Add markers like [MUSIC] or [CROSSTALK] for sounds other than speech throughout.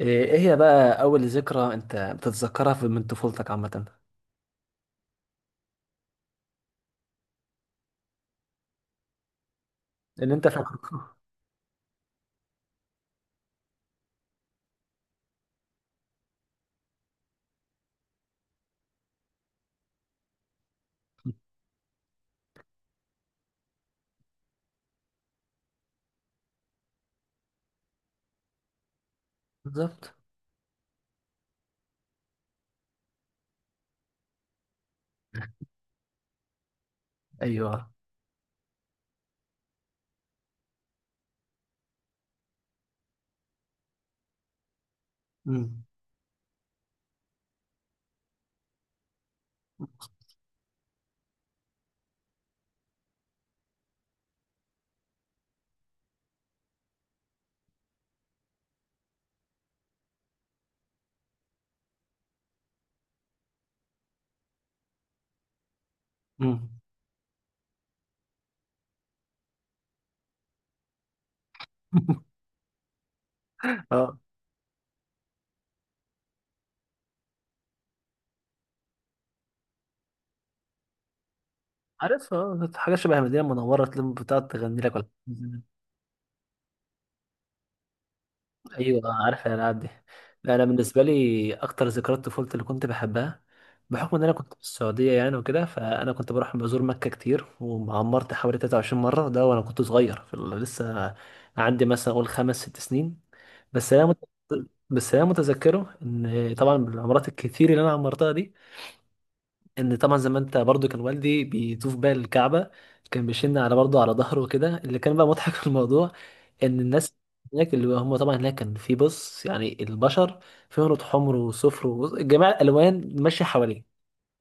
إيه هي بقى اول ذكرى انت بتتذكرها في من طفولتك عامه. اللي انت فاكره. بالظبط. ايوه. امم. امم. [LAUGHS] اه، عارف. اه، حاجه شبه المدينه المنوره تلم بتقعد تغني لك ولا. ايوه، عارف الالعاب دي. لا، انا بالنسبه لي اكتر ذكريات طفولتي اللي كنت بحبها، بحكم ان انا كنت في السعوديه يعني وكده، فانا كنت بروح بزور مكه كتير وعمرت حوالي 23 مره، ده وانا كنت صغير في لسه عندي مثلا اقول خمس ست سنين. بس انا مت... بس انا متذكره ان طبعا بالعمرات الكتير اللي انا عمرتها دي، ان طبعا زي ما انت برضو كان والدي بيطوف بقى الكعبه، كان بيشن على برضو على ظهره وكده. اللي كان بقى مضحك [LAUGHS] في الموضوع، ان الناس هناك، اللي هم طبعا هناك كان في بص يعني البشر فيهم رود حمر وصفر وجميع الالوان ماشيه حواليه،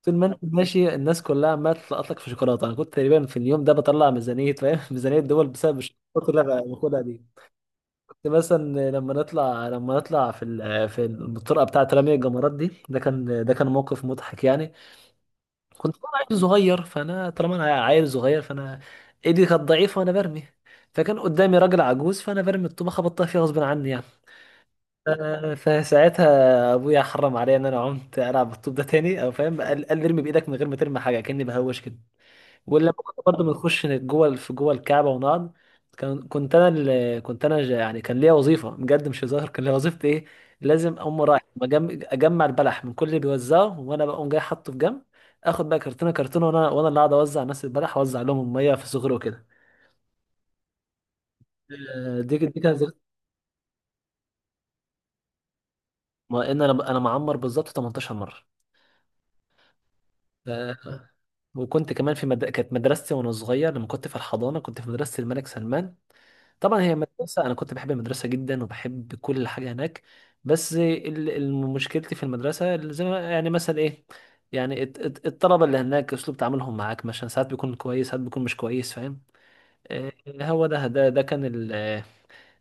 طول ما انت ماشي الناس كلها عماله تلقط لك في شوكولاته. انا كنت تقريبا في اليوم ده بطلع ميزانيه فاهم [LAUGHS] ميزانيه الدول بسبب الشوكولاته اللي أنا باخدها دي. كنت مثلا لما نطلع في في الطرقه بتاعه رمي الجمرات دي، ده كان موقف مضحك يعني. كنت طبعا عيل صغير، فانا طالما انا عيل صغير فانا ايدي كانت ضعيفه وانا برمي، فكان قدامي راجل عجوز، فانا برمي الطوبه خبطتها فيه غصب عني يعني. ف- فساعتها ابويا حرم عليا ان انا عمت العب بالطوب ده تاني، او فاهم، قال ارمي بايدك من غير ما ترمي حاجه كاني بهوش كده. ولما كنا برضه بنخش جوه في جوه الكعبه ونقعد، كان كنت انا اللي كنت انا ج- يعني كان ليا وظيفه بجد مش هزار. كان ليا وظيفتي ايه؟ لازم اقوم رايح اجمع البلح من كل اللي بيوزعه، وانا بقوم جاي حاطه في جنب، اخد بقى كرتونه، وانا اللي قاعد اوزع الناس البلح واوزع لهم الميه في صغره كده. دي كانت ما ان انا معمر بالظبط 18 مره. آه، وكنت كمان في كانت مدرستي وانا صغير لما كنت في الحضانه، كنت في مدرسه الملك سلمان. طبعا هي مدرسة، أنا كنت بحب المدرسة جدا وبحب كل حاجة هناك. بس مشكلتي في المدرسة زي ما يعني مثلا إيه، يعني الطلبة اللي هناك أسلوب تعاملهم معاك مثلا ساعات بيكون كويس ساعات بيكون مش كويس فاهم. آه، هو ده ده ده كان ال آه،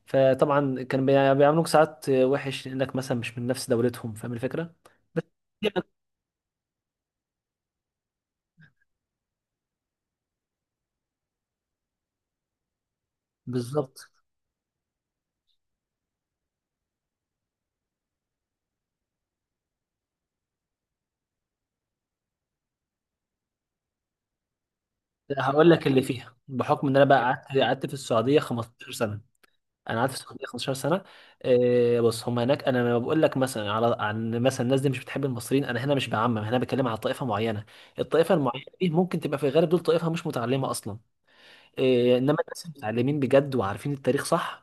فطبعا كان بيعاملوك ساعات وحش لأنك مثلا مش من نفس دولتهم، فاهم الفكرة. بس يعني بالظبط. هقول لك اللي فيها، بحكم إن أنا بقى قعدت في السعودية 15 سنة. انا قعدت في السعوديه 15 سنه. بص، هم هناك، انا لما بقول لك مثلا على عن مثلا الناس دي مش بتحب المصريين، انا هنا مش بعمم، هنا بتكلم على طائفه معينه. الطائفه المعينه دي ممكن تبقى في الغالب دول طائفه مش متعلمه اصلا. انما الناس المتعلمين بجد وعارفين التاريخ صح،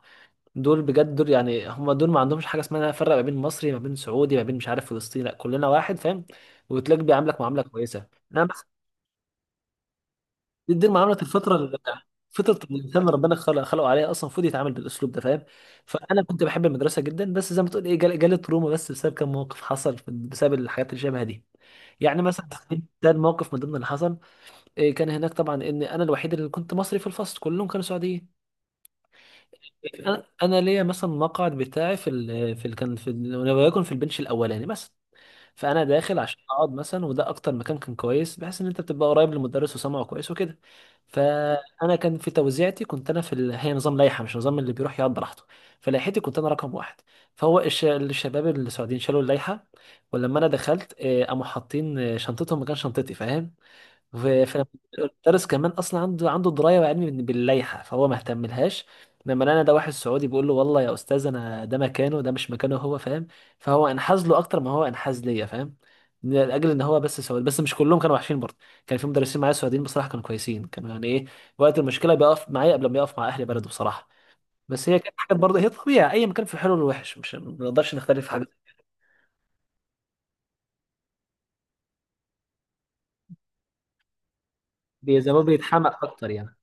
دول بجد دول يعني، هم دول ما عندهمش حاجه اسمها فرق ما بين مصري ما بين سعودي ما بين مش عارف فلسطيني، لا، كلنا واحد فاهم، وتلاقي بيعاملك معامله كويسه. دي معامله الفطره، اللي فطره الانسان اللي ربنا خلق خلقه عليها اصلا، المفروض يتعامل بالاسلوب ده فاهم. فانا كنت بحب المدرسه جدا، بس زي ما تقول ايه جالي تروما بس بسبب كم موقف حصل بسبب الحاجات اللي شبه دي، يعني مثلا ده الموقف من ضمن اللي حصل. إيه، كان هناك طبعا ان انا الوحيد اللي كنت مصري في الفصل، كلهم كانوا سعوديين. انا ليا مثلا مقعد بتاعي في ال... في ال... كان في ال... وليكن في البنش الاولاني مثلا، فانا داخل عشان اقعد مثلا، وده اكتر مكان كان كويس بحيث ان انت بتبقى قريب للمدرس وسامعه كويس وكده. فانا كان في توزيعتي كنت انا هي نظام لائحه مش نظام اللي بيروح يقعد براحته، فلائحتي كنت انا رقم واحد. فهو الشباب السعوديين شالوا اللائحه، ولما انا دخلت قاموا حاطين شنطتهم مكان شنطتي فاهم. وفي في- المدرس كمان اصلا عنده درايه وعلم باللائحه، فهو ما اهتملهاش. لما انا ده واحد سعودي بيقول له والله يا استاذ انا ده مكانه، ده مش مكانه هو فاهم، فهو انحاز له اكتر ما هو انحاز ليا فاهم، لاجل ان هو بس سعودي. بس مش كلهم كانوا وحشين برضه، كان في مدرسين معايا سعوديين بصراحه كانوا كويسين، كانوا يعني ايه، وقت المشكله بيقف معايا قبل ما يقف مع اهل بلده بصراحه. بس هي كانت حاجات برضه، هي طبيعي اي مكان في الحلو والوحش، مش ما نقدرش نختلف في حاجه. زي ما بيتحمق اكتر يعني.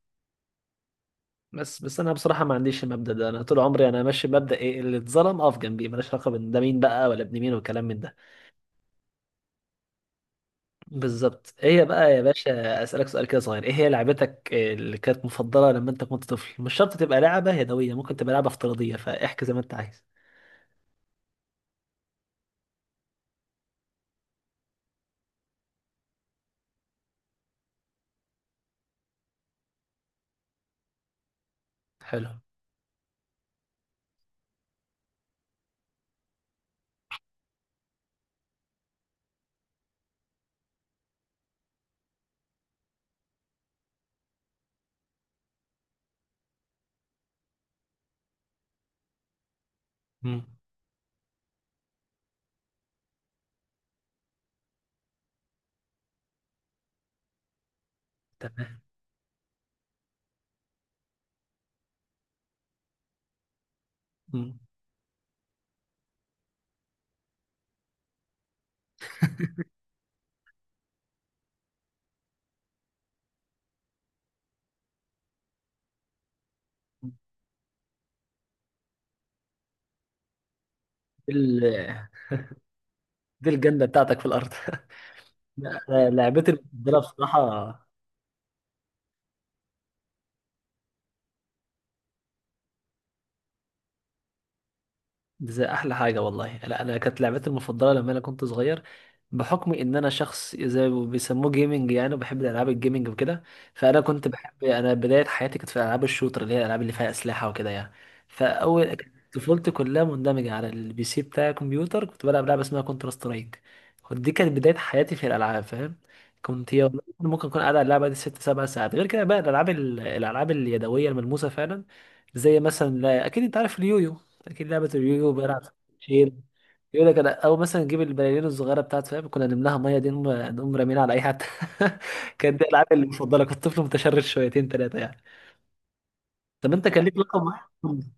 بس انا بصراحه ما عنديش المبدا ده، انا طول عمري انا ماشي بمبدا ايه؟ اللي اتظلم اقف جنبيه، ماليش علاقه بان ده مين بقى ولا ابن مين والكلام من ده. بالظبط. ايه هي بقى يا باشا، اسالك سؤال كده صغير، ايه هي لعبتك اللي كانت مفضله لما انت كنت طفل؟ مش شرط تبقى لعبه يدويه، ممكن تبقى لعبه افتراضيه، فاحكي زي ما انت عايز. حلو. مم. تمام. مم. دي ال- دي الجنه بتاعتك في الارض. [LAUGHS] لا، أنا لعبتي المفضله بصراحه، دي احلى حاجه والله. لا، انا كانت لعبتي المفضله لما انا كنت صغير، بحكم ان انا شخص زي ما بيسموه جيمنج يعني، وبحب الالعاب الجيمنج وكده، فانا كنت بحب، انا بدايه حياتي كانت في العاب الشوتر، اللي هي الالعاب اللي فيها اسلحه وكده يعني. فاول طفولتي كلها مندمجه على البي سي بتاع الكمبيوتر، كنت بلعب لعبه اسمها كونتر سترايك، ودي كانت بدايه حياتي في الالعاب فاهم. كنت يا والله ممكن اكون قاعد على اللعبه دي ست سبع ساعات. غير كده بقى الالعاب الالعاب اليدويه الملموسه فعلا، زي مثلا، لا اكيد انت عارف اليويو، اكيد لعبه اليويو بلعب. شيل يقول لك انا، او مثلا نجيب البلالين الصغيره بتاعت فاهم، كنا نملاها ميه دي نقوم رامينها على اي حد. [LAUGHS] كانت دي العاب المفضله. كنت طفل متشرد شويتين ثلاثه يعني. طب انت كان ليك لقب معين؟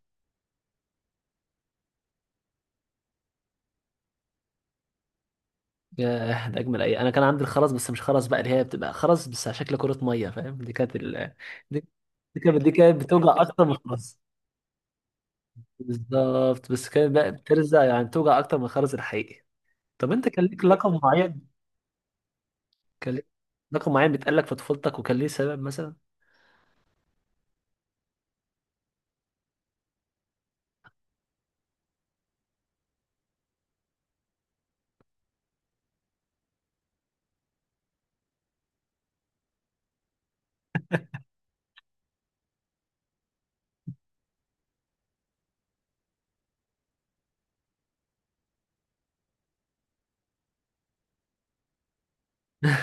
ياه ده اجمل، اي انا كان عندي الخرز، بس مش خرز بقى اللي هي بتبقى خرز بس على شكل كره ميه فاهم، دي كانت دي دي كانت بتوجع اكتر من الخرز. بالظبط، بس كانت بقى بترزع يعني، توجع اكتر من الخرز الحقيقي. طب انت كان ليك لقب معين، كان ليك لقب معين بيتقال لك في طفولتك وكان ليه سبب مثلا؟ [LAUGHS]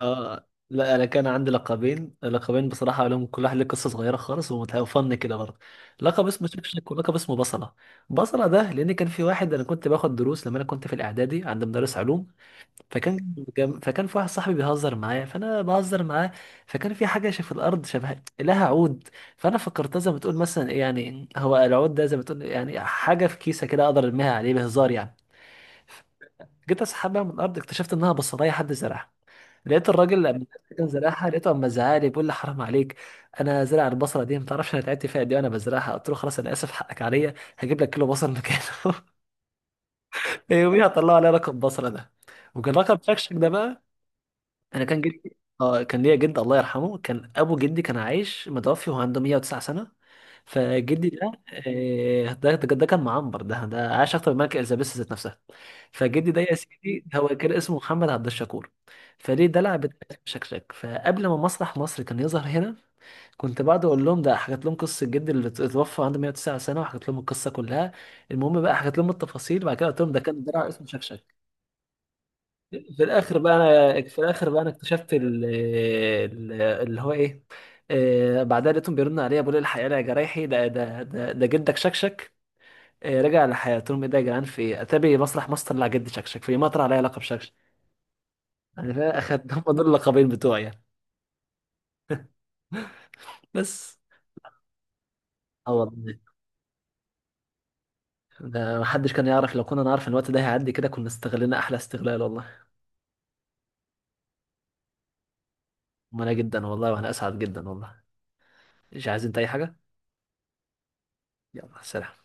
اه، لا انا كان عندي لقبين، لقبين بصراحه لهم كل واحد له قصه صغيره خالص ومتفن كده برضه، لقب اسمه شكشك ولقب اسمه بصله. بصله ده لان كان في واحد، انا كنت باخد دروس لما انا كنت في الاعدادي عند مدرس علوم، فكان في واحد صاحبي بيهزر معايا فانا بهزر معاه، فكان في حاجه في الارض شبه لها عود. فانا فكرتها زي ما تقول مثلا إيه يعني، هو العود ده زي ما تقول يعني حاجه في كيسه كده اقدر ارميها عليه بهزار يعني. جيت اسحبها من الارض اكتشفت انها بصلايه حد زرعها. لقيت الراجل لما كان زرعها، لقيته اما زعلي بيقول لي حرام عليك، انا زرع البصله دي ما تعرفش انا تعبت فيها دي وانا بزرعها، قلت له خلاص انا اسف حقك عليا، هجيب لك كيلو بصل مكانه. [LAUGHS] يوميها طلعوا عليا رقم بصله ده. وكان رقم شكشك ده بقى، انا كان جدي اه، كان ليا جد الله يرحمه، كان ابو جدي كان عايش متوفي وهو عنده 109 سنه. فجدي ده ده كان معمر، ده عاش اكتر من الملكه اليزابيث ذات نفسها. فجدي ده يا سيدي هو كان اسمه محمد عبد الشكور، فليه دلع بتاعت شكشك. فقبل ما مسرح مصر كان يظهر هنا، كنت بقعد اقول لهم ده، حكيت لهم قصه جدي اللي اتوفى عنده 109 سنه، وحكيت لهم القصه كلها. المهم بقى حكيت لهم التفاصيل وبعد كده قلت لهم ده كان دلع اسمه شكشك. في الاخر بقى انا، في الاخر بقى انا اكتشفت اللي هو ايه، بعدها لقيتهم بيرنوا عليا بيقولوا لي الحقيقه يا جرايحي، ده جدك شكشك رجع لحياته. قلت لهم ايه ده يا جدعان في ايه، اتاري مسرح مصر طلع جد شكشك، في مطر عليا لقب شكشك انا اخدت. [LAUGHS] هم دول اللقبين بتوعي يعني. بس. اه والله، ده محدش كان يعرف، لو كنا نعرف الوقت ده هيعدي كده كنا استغلنا احلى استغلال والله. وانا جدا والله، وانا اسعد جدا والله. مش عايز انت اي حاجه؟ يلا سلام.